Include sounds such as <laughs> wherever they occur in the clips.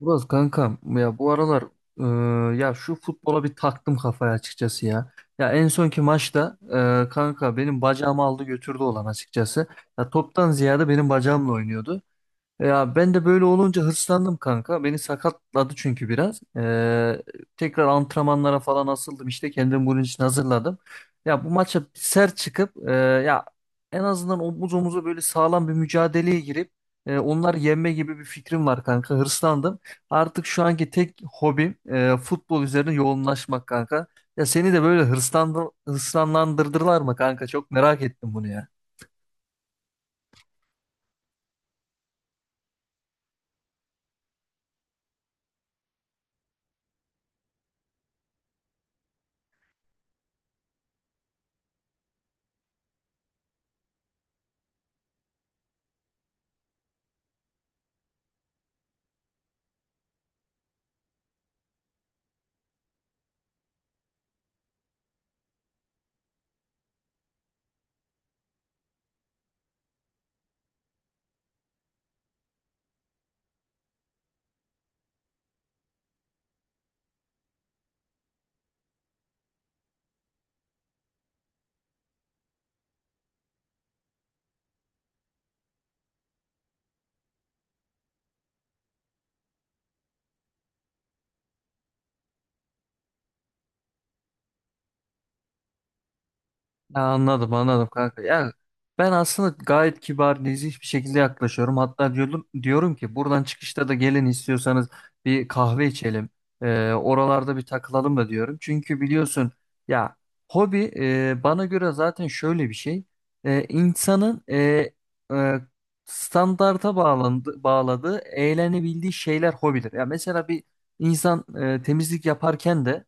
Burası kankam ya bu aralar ya şu futbola bir taktım kafaya açıkçası ya. Ya en sonki maçta kanka benim bacağımı aldı götürdü olan açıkçası. Ya toptan ziyade benim bacağımla oynuyordu. Ya ben de böyle olunca hırslandım kanka. Beni sakatladı çünkü biraz. Tekrar antrenmanlara falan asıldım. İşte kendimi bunun için hazırladım. Ya bu maça sert çıkıp ya en azından omuz omuza böyle sağlam bir mücadeleye girip onları yenme gibi bir fikrim var kanka. Hırslandım. Artık şu anki tek hobim futbol üzerine yoğunlaşmak kanka. Ya seni de böyle hırslanlandırdılar mı kanka? Çok merak ettim bunu ya. Ya anladım anladım kanka. Ya ben aslında gayet kibar, nezih bir şekilde yaklaşıyorum. Hatta diyorum ki buradan çıkışta da gelin istiyorsanız bir kahve içelim. Oralarda bir takılalım da diyorum. Çünkü biliyorsun ya hobi bana göre zaten şöyle bir şey. İnsanın e, bağladığı, eğlenebildiği şeyler hobidir. Ya mesela bir insan temizlik yaparken de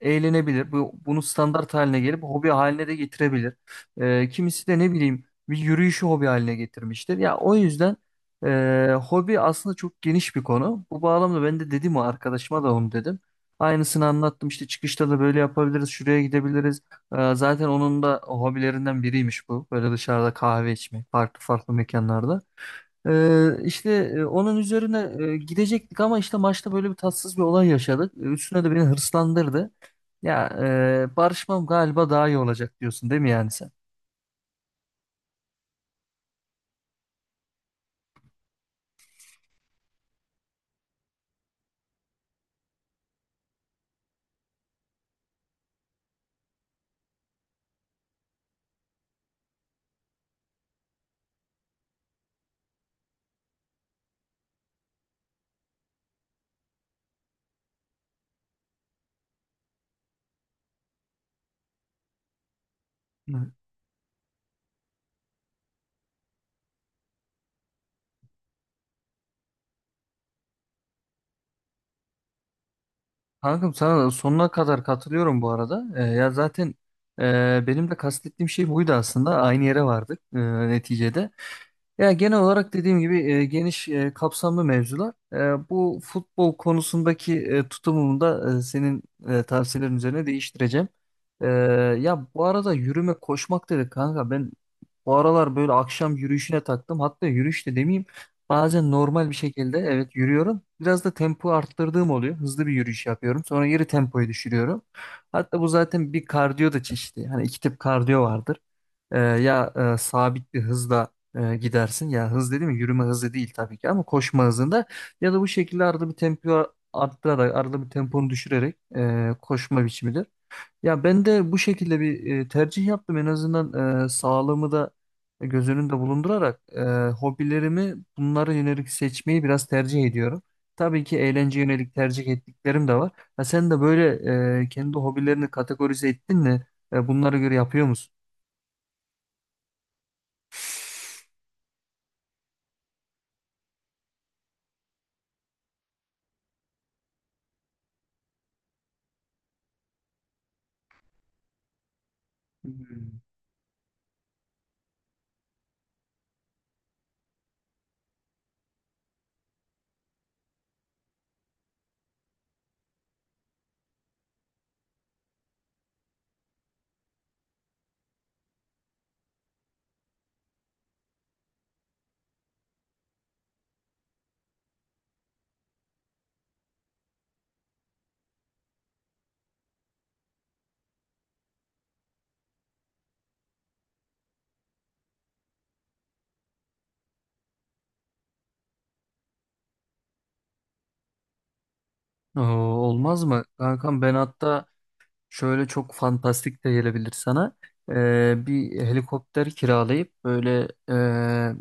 eğlenebilir. Bunu standart haline gelip hobi haline de getirebilir. Kimisi de ne bileyim bir yürüyüşü hobi haline getirmiştir. Ya o yüzden hobi aslında çok geniş bir konu. Bu bağlamda ben de dedim, o arkadaşıma da onu dedim. Aynısını anlattım, işte çıkışta da böyle yapabiliriz, şuraya gidebiliriz. Zaten onun da hobilerinden biriymiş bu. Böyle dışarıda kahve içmek, farklı farklı mekanlarda. Ee, işte Onun üzerine gidecektik ama işte maçta böyle bir tatsız bir olay yaşadık. E, Üstüne de beni hırslandırdı. Ya Barışmam galiba daha iyi olacak diyorsun değil mi yani sen? Hı. Kankam sana da sonuna kadar katılıyorum bu arada. Ya zaten benim de kastettiğim şey buydu aslında. Aynı yere vardık neticede. Ya genel olarak dediğim gibi geniş kapsamlı mevzular. Bu futbol konusundaki tutumumu da senin tavsiyelerin üzerine değiştireceğim. E, Ya bu arada yürüme koşmak dedik kanka. Ben bu aralar böyle akşam yürüyüşüne taktım. Hatta yürüyüş de demeyeyim. Bazen normal bir şekilde evet yürüyorum. Biraz da tempo arttırdığım oluyor. Hızlı bir yürüyüş yapıyorum. Sonra geri tempoyu düşürüyorum. Hatta bu zaten bir kardiyo da çeşidi. Hani iki tip kardiyo vardır. Sabit bir hızla gidersin. Ya hız dedi mi? Yürüme hızı değil tabii ki ama koşma hızında ya da bu şekilde arada bir tempo arttırarak, arada bir temponu düşürerek koşma biçimidir. Ya ben de bu şekilde bir tercih yaptım. En azından sağlığımı da göz önünde bulundurarak hobilerimi bunlara yönelik seçmeyi biraz tercih ediyorum. Tabii ki eğlence yönelik tercih ettiklerim de var. Ha, sen de böyle kendi hobilerini kategorize ettin mi? Bunlara göre yapıyor musun? Hmm. Oo, olmaz mı? Kankam ben hatta şöyle çok fantastik de gelebilir sana. Bir helikopter kiralayıp böyle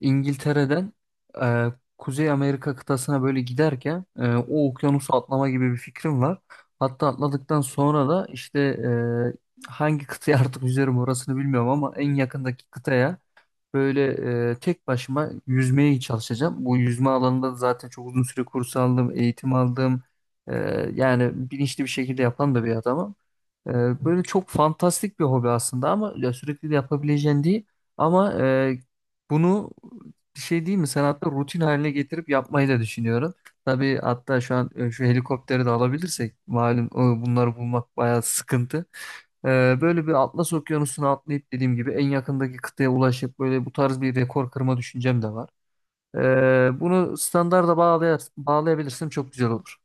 İngiltere'den e, Kuzey Amerika kıtasına böyle giderken o okyanusu atlama gibi bir fikrim var. Hatta atladıktan sonra da işte hangi kıtaya <laughs> artık yüzerim orasını bilmiyorum ama en yakındaki kıtaya böyle tek başıma yüzmeye çalışacağım. Bu yüzme alanında da zaten çok uzun süre kurs aldım, eğitim aldım. E, Yani bilinçli bir şekilde yapan da bir adamım. Ee, Böyle çok fantastik bir hobi aslında ama ya sürekli de yapabileceğin değil. Ama e, Bunu bir şey değil mi? Sen hatta rutin haline getirip yapmayı da düşünüyorum. Tabii hatta şu an şu helikopteri de alabilirsek malum bunları bulmak bayağı sıkıntı. Böyle bir Atlas Okyanusu'na atlayıp dediğim gibi en yakındaki kıtaya ulaşıp böyle bu tarz bir rekor kırma düşüncem de var. Bunu standarda bağlay bağlayabilirsem çok güzel olur.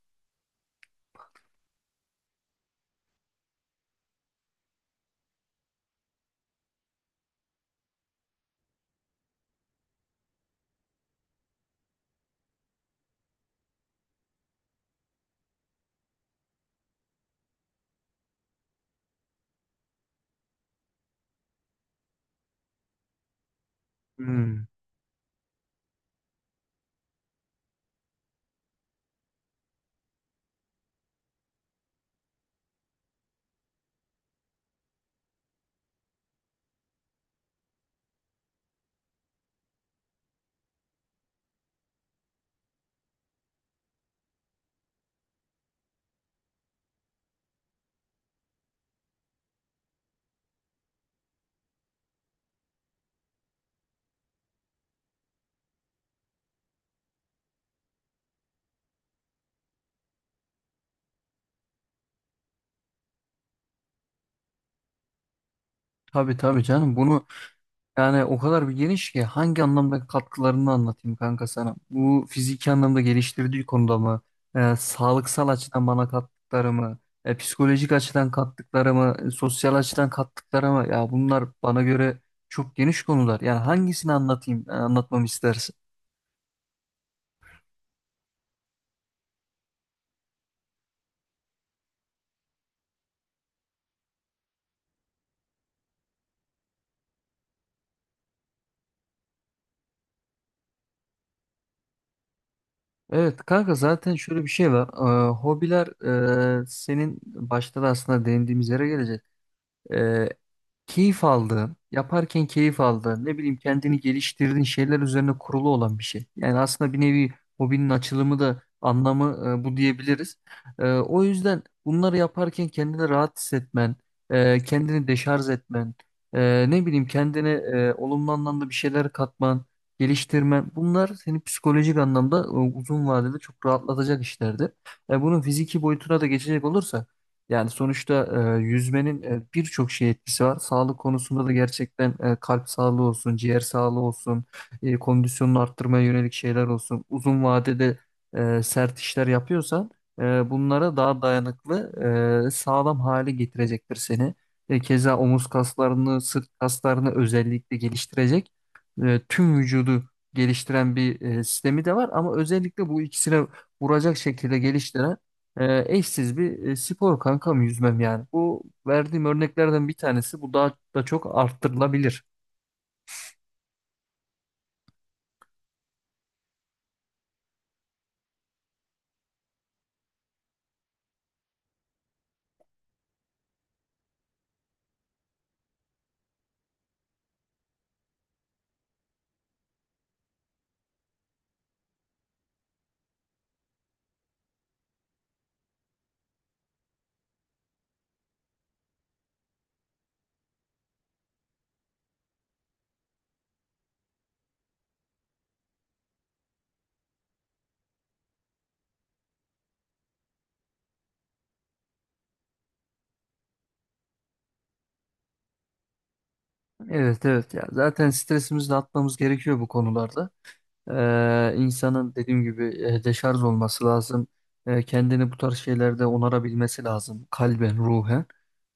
Hmm. Tabii tabii canım bunu yani o kadar bir geniş ki hangi anlamda katkılarını anlatayım kanka sana. Bu fiziki anlamda geliştirdiği konuda mı? Sağlıksal açıdan bana kattıkları, psikolojik açıdan kattıkları, sosyal açıdan kattıkları. Ya bunlar bana göre çok geniş konular. Yani hangisini anlatayım, anlatmamı istersin? Evet kanka, zaten şöyle bir şey var. Hobiler senin başta da aslında değindiğimiz yere gelecek. e, Keyif aldığın, yaparken keyif aldığın, ne bileyim kendini geliştirdiğin şeyler üzerine kurulu olan bir şey. Yani aslında bir nevi hobinin açılımı da anlamı bu diyebiliriz. O yüzden bunları yaparken kendini rahat hissetmen, kendini deşarj etmen, ne bileyim kendine olumlu anlamda bir şeyler katman, geliştirmen, bunlar seni psikolojik anlamda uzun vadede çok rahatlatacak işlerdir. Bunun fiziki boyutuna da geçecek olursak yani sonuçta yüzmenin birçok şey etkisi var. Sağlık konusunda da gerçekten kalp sağlığı olsun, ciğer sağlığı olsun, kondisyonunu arttırmaya yönelik şeyler olsun. Uzun vadede sert işler yapıyorsan bunlara daha dayanıklı, sağlam hale getirecektir seni. Keza omuz kaslarını, sırt kaslarını özellikle geliştirecek. Tüm vücudu geliştiren bir sistemi de var ama özellikle bu ikisine vuracak şekilde geliştiren eşsiz bir spor kankam yüzmem yani. Bu verdiğim örneklerden bir tanesi. Bu daha da çok arttırılabilir. Evet evet, ya zaten stresimizi de atmamız gerekiyor bu konularda. İnsanın dediğim gibi deşarj olması lazım. Kendini bu tarz şeylerde onarabilmesi lazım, kalben, ruhen.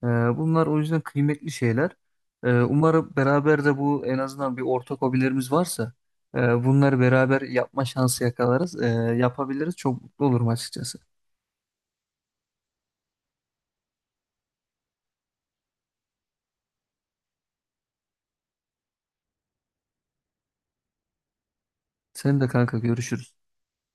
E, Bunlar o yüzden kıymetli şeyler. Umarım beraber de bu, en azından bir ortak hobilerimiz varsa e, bunları beraber yapma şansı yakalarız, yapabiliriz. Çok mutlu olurum açıkçası. Sen de kanka, görüşürüz.